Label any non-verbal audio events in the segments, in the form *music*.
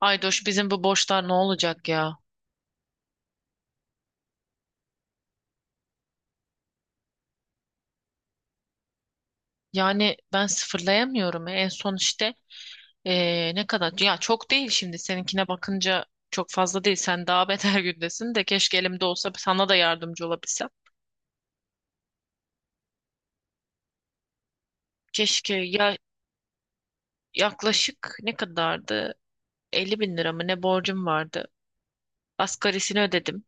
Aydoş bizim bu borçlar ne olacak ya? Yani ben sıfırlayamıyorum. En son işte ne kadar? Ya çok değil şimdi seninkine bakınca çok fazla değil. Sen daha beter *laughs* gündesin de keşke elimde olsa sana da yardımcı olabilsem. Keşke ya yaklaşık ne kadardı? 50 bin lira mı ne borcum vardı? Asgarisini ödedim.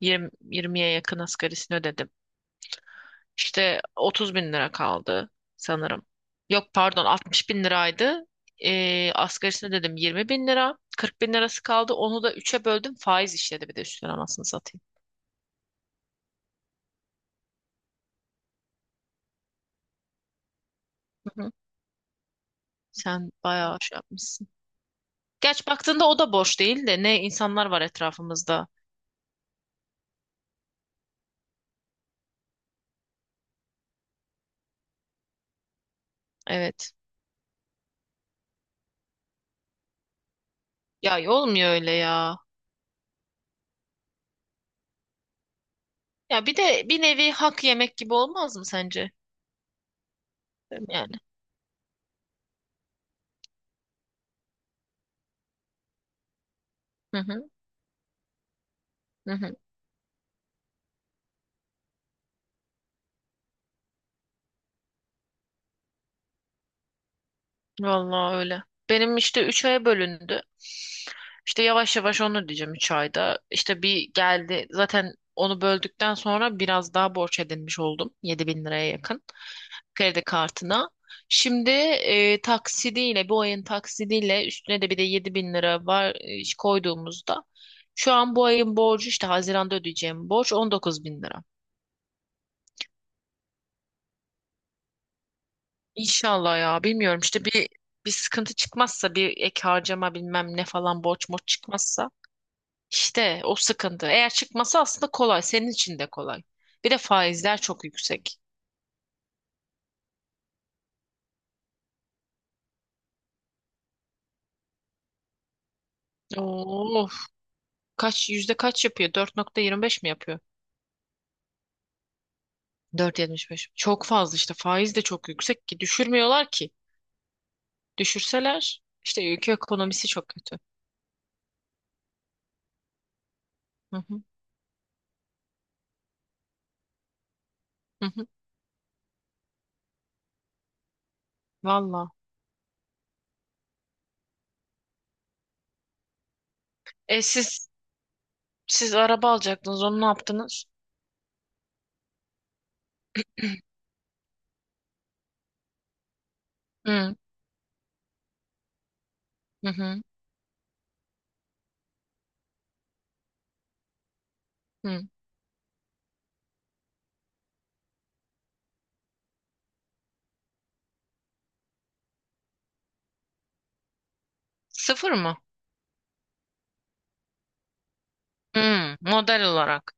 20'ye yakın asgarisini ödedim. İşte 30 bin lira kaldı sanırım. Yok pardon 60 bin liraydı. Asgarisini dedim 20 bin lira. 40 bin lirası kaldı. Onu da üçe böldüm. Faiz işledi bir de üstüne anasını satayım. Hı hı. Sen bayağı şey yapmışsın. Gerçi baktığında o da boş değil de ne insanlar var etrafımızda. Evet. Ya olmuyor öyle ya. Ya bir de bir nevi hak yemek gibi olmaz mı sence? Yani. Hı hı. Hı hı. Vallahi öyle. Benim işte 3 aya bölündü. İşte yavaş yavaş onu diyeceğim 3 ayda. İşte bir geldi. Zaten onu böldükten sonra biraz daha borç edinmiş oldum. 7.000 liraya yakın kredi kartına. Şimdi taksidiyle bu ayın taksidiyle üstüne de bir de 7.000 lira var, koyduğumuzda şu an bu ayın borcu işte Haziran'da ödeyeceğim borç 19.000 lira. İnşallah ya bilmiyorum işte bir sıkıntı çıkmazsa, bir ek harcama bilmem ne falan borç moç çıkmazsa. İşte o sıkıntı. Eğer çıkması aslında kolay. Senin için de kolay. Bir de faizler çok yüksek. Oo, kaç yüzde kaç yapıyor? 4,25 mi yapıyor? 4,75. Çok fazla işte. Faiz de çok yüksek ki düşürmüyorlar ki. Düşürseler işte ülke ekonomisi çok kötü. Hı hı, hı hı. Valla. E siz siz araba alacaktınız. Onu ne yaptınız? Hı hı hı. Hı. Sıfır mı? Hı, model olarak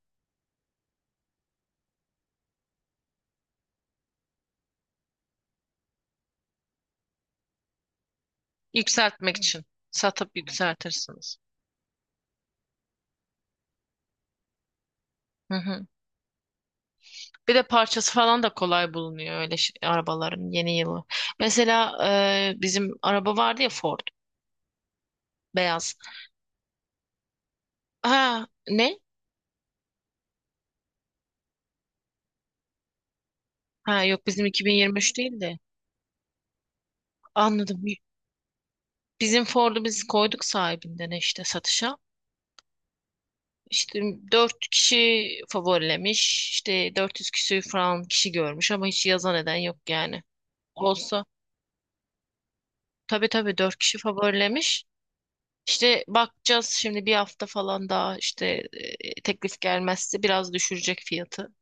yükseltmek için satıp yükseltirsiniz. Hı hı. Bir de parçası falan da kolay bulunuyor öyle arabaların yeni yılı. Mesela bizim araba vardı ya Ford beyaz. Ha ne? Ha yok bizim 2023 değil de. Anladım. Bizim Ford'u biz koyduk sahibinden işte satışa. İşte 4 kişi favorilemiş. İşte 400 küsür falan kişi görmüş ama hiç yazan eden yok yani. Olsa tabii tabii 4 kişi favorilemiş. İşte bakacağız şimdi bir hafta falan daha işte teklif gelmezse biraz düşürecek fiyatı.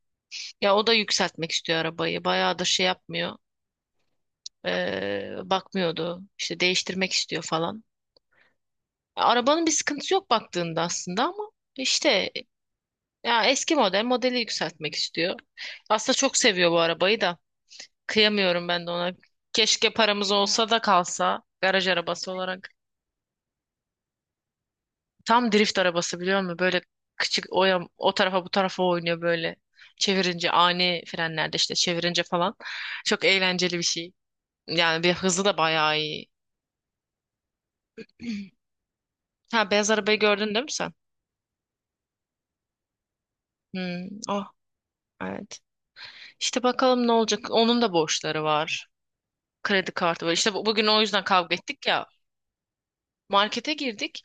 Ya o da yükseltmek istiyor arabayı. Bayağıdır şey yapmıyor. Bakmıyordu. İşte değiştirmek istiyor falan. Arabanın bir sıkıntısı yok baktığında aslında ama işte ya eski model modeli yükseltmek istiyor. Aslında çok seviyor bu arabayı da. Kıyamıyorum ben de ona. Keşke paramız olsa da kalsa garaj arabası olarak. Tam drift arabası biliyor musun? Böyle küçük o, o tarafa bu tarafa oynuyor böyle. Çevirince ani frenlerde işte çevirince falan. Çok eğlenceli bir şey. Yani bir hızı da bayağı iyi. Ha beyaz arabayı gördün değil mi sen? Hmm, oh evet. İşte bakalım ne olacak. Onun da borçları var. Kredi kartı var. İşte bugün o yüzden kavga ettik ya. Markete girdik.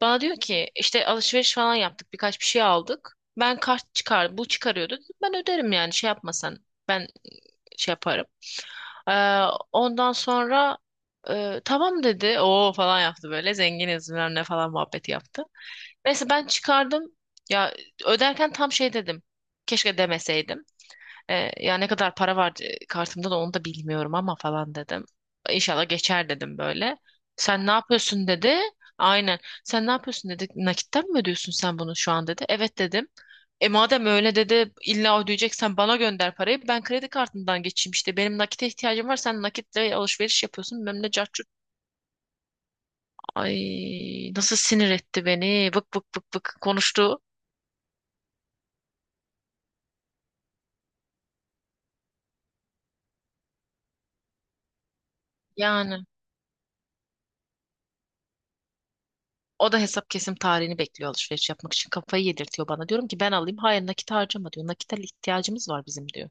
Bana diyor ki işte alışveriş falan yaptık. Birkaç bir şey aldık. Ben kart çıkar, bu çıkarıyordu. Dedim, ben öderim yani şey yapmasan. Ben şey yaparım. Ee, Ondan sonra tamam dedi. Oo falan yaptı böyle. Zenginiz bilmem ne falan muhabbeti yaptı. Neyse ben çıkardım. Ya öderken tam şey dedim. Keşke demeseydim. Ya ne kadar para var, kartımda da onu da bilmiyorum ama falan dedim. İnşallah geçer dedim böyle. Sen ne yapıyorsun dedi. Aynen. Sen ne yapıyorsun dedi. Nakitten mi ödüyorsun sen bunu şu an dedi. Evet dedim. E madem öyle dedi illa ödeyeceksen bana gönder parayı. Ben kredi kartından geçeyim işte. Benim nakite ihtiyacım var. Sen nakitle alışveriş yapıyorsun. Bilmem ne cart curt. Ay nasıl sinir etti beni. Vık vık vık vık konuştu. Yani. O da hesap kesim tarihini bekliyor alışveriş yapmak için. Kafayı yedirtiyor bana. Diyorum ki ben alayım. Hayır nakit harcama diyor. Nakite ihtiyacımız var bizim diyor.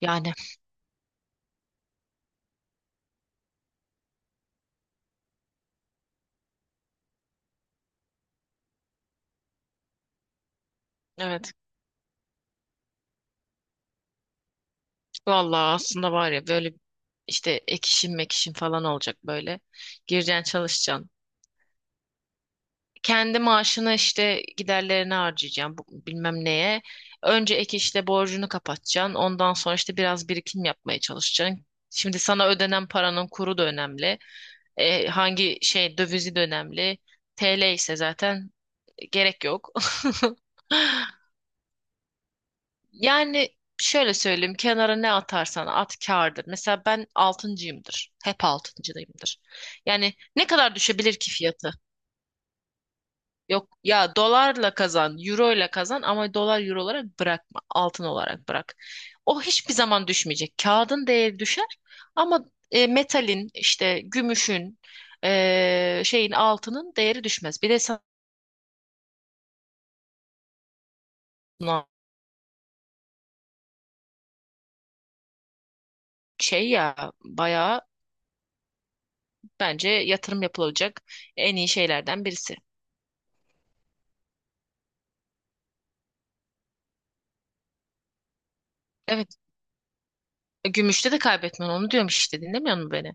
Yani evet. Vallahi aslında var ya böyle işte ek işim mek işim falan olacak böyle. Gireceksin çalışacaksın. Kendi maaşını işte giderlerine harcayacaksın, bilmem neye. Önce ek işle borcunu kapatacaksın. Ondan sonra işte biraz birikim yapmaya çalışacaksın. Şimdi sana ödenen paranın kuru da önemli. Hangi şey dövizi de önemli. TL ise zaten gerek yok. *laughs* Yani şöyle söyleyeyim, kenara ne atarsan at kârdır. Mesela ben altıncıyımdır. Hep altıncıdayımdır. Yani ne kadar düşebilir ki fiyatı? Yok ya dolarla kazan, euro ile kazan ama dolar euro olarak bırakma, altın olarak bırak. O hiçbir zaman düşmeyecek. Kağıdın değeri düşer ama metalin işte gümüşün, şeyin altının değeri düşmez. Bir de sana şey ya bayağı bence yatırım yapılacak en iyi şeylerden birisi. Evet. Gümüşte de kaybetmen, onu diyorum işte, dinlemiyor musun beni?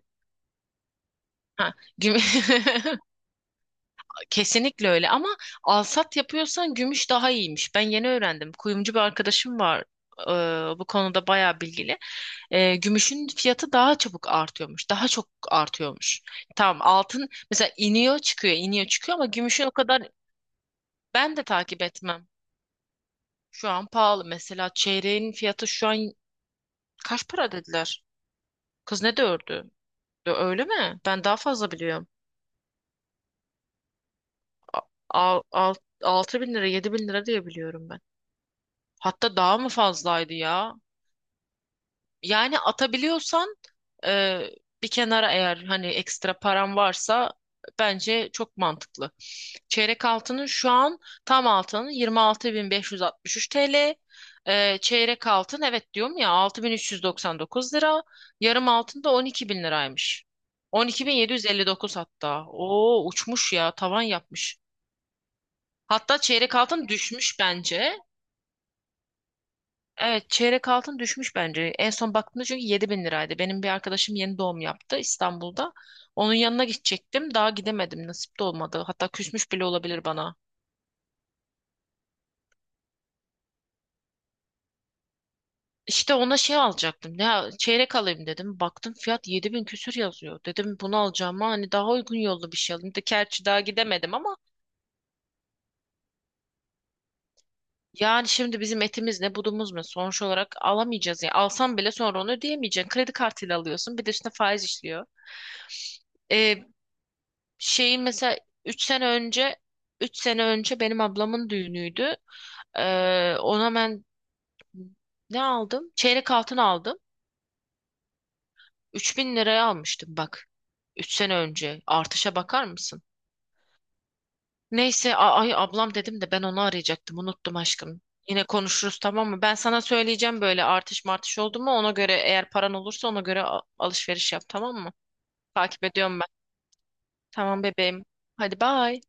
Ha, güm *laughs* kesinlikle öyle ama alsat yapıyorsan gümüş daha iyiymiş. Ben yeni öğrendim. Kuyumcu bir arkadaşım var. Bu konuda bayağı bilgili. Gümüşün fiyatı daha çabuk artıyormuş. Daha çok artıyormuş. Tamam altın mesela iniyor çıkıyor iniyor çıkıyor ama gümüşün o kadar ben de takip etmem. Şu an pahalı. Mesela çeyreğin fiyatı şu an kaç para dediler? Kız ne dördü? Öyle mi? Ben daha fazla biliyorum. A- al- al- 6.000 lira, 7.000 lira diye biliyorum ben. Hatta daha mı fazlaydı ya? Yani atabiliyorsan e, bir kenara, eğer hani ekstra param varsa bence çok mantıklı. Çeyrek altının şu an tam altının 26.563 TL. Çeyrek altın evet diyorum ya 6.399 lira. Yarım altın da 12.000 liraymış. 12.759 hatta. Oo uçmuş ya tavan yapmış. Hatta çeyrek altın düşmüş bence. Evet çeyrek altın düşmüş bence. En son baktığımda çünkü 7 bin liraydı. Benim bir arkadaşım yeni doğum yaptı İstanbul'da. Onun yanına gidecektim. Daha gidemedim. Nasip de olmadı. Hatta küsmüş bile olabilir bana. İşte ona şey alacaktım. Ya çeyrek alayım dedim. Baktım fiyat 7.000 bin küsür yazıyor. Dedim bunu alacağıma hani daha uygun yolda bir şey alayım. De gerçi daha gidemedim ama yani şimdi bizim etimiz ne budumuz mu? Sonuç olarak alamayacağız ya. Alsam bile sonra onu ödeyemeyeceksin. Kredi kartıyla alıyorsun. Bir de üstüne faiz işliyor. Ee, Şeyin mesela 3 sene önce 3 sene önce benim ablamın düğünüydü. Ona ben ne aldım? Çeyrek altın aldım. 3.000 liraya almıştım bak. Üç sene önce. Artışa bakar mısın? Neyse ay ablam dedim de ben onu arayacaktım. Unuttum aşkım. Yine konuşuruz tamam mı? Ben sana söyleyeceğim böyle artış martış oldu mu, ona göre eğer paran olursa ona göre alışveriş yap, tamam mı? Takip ediyorum ben. Tamam bebeğim. Hadi bye.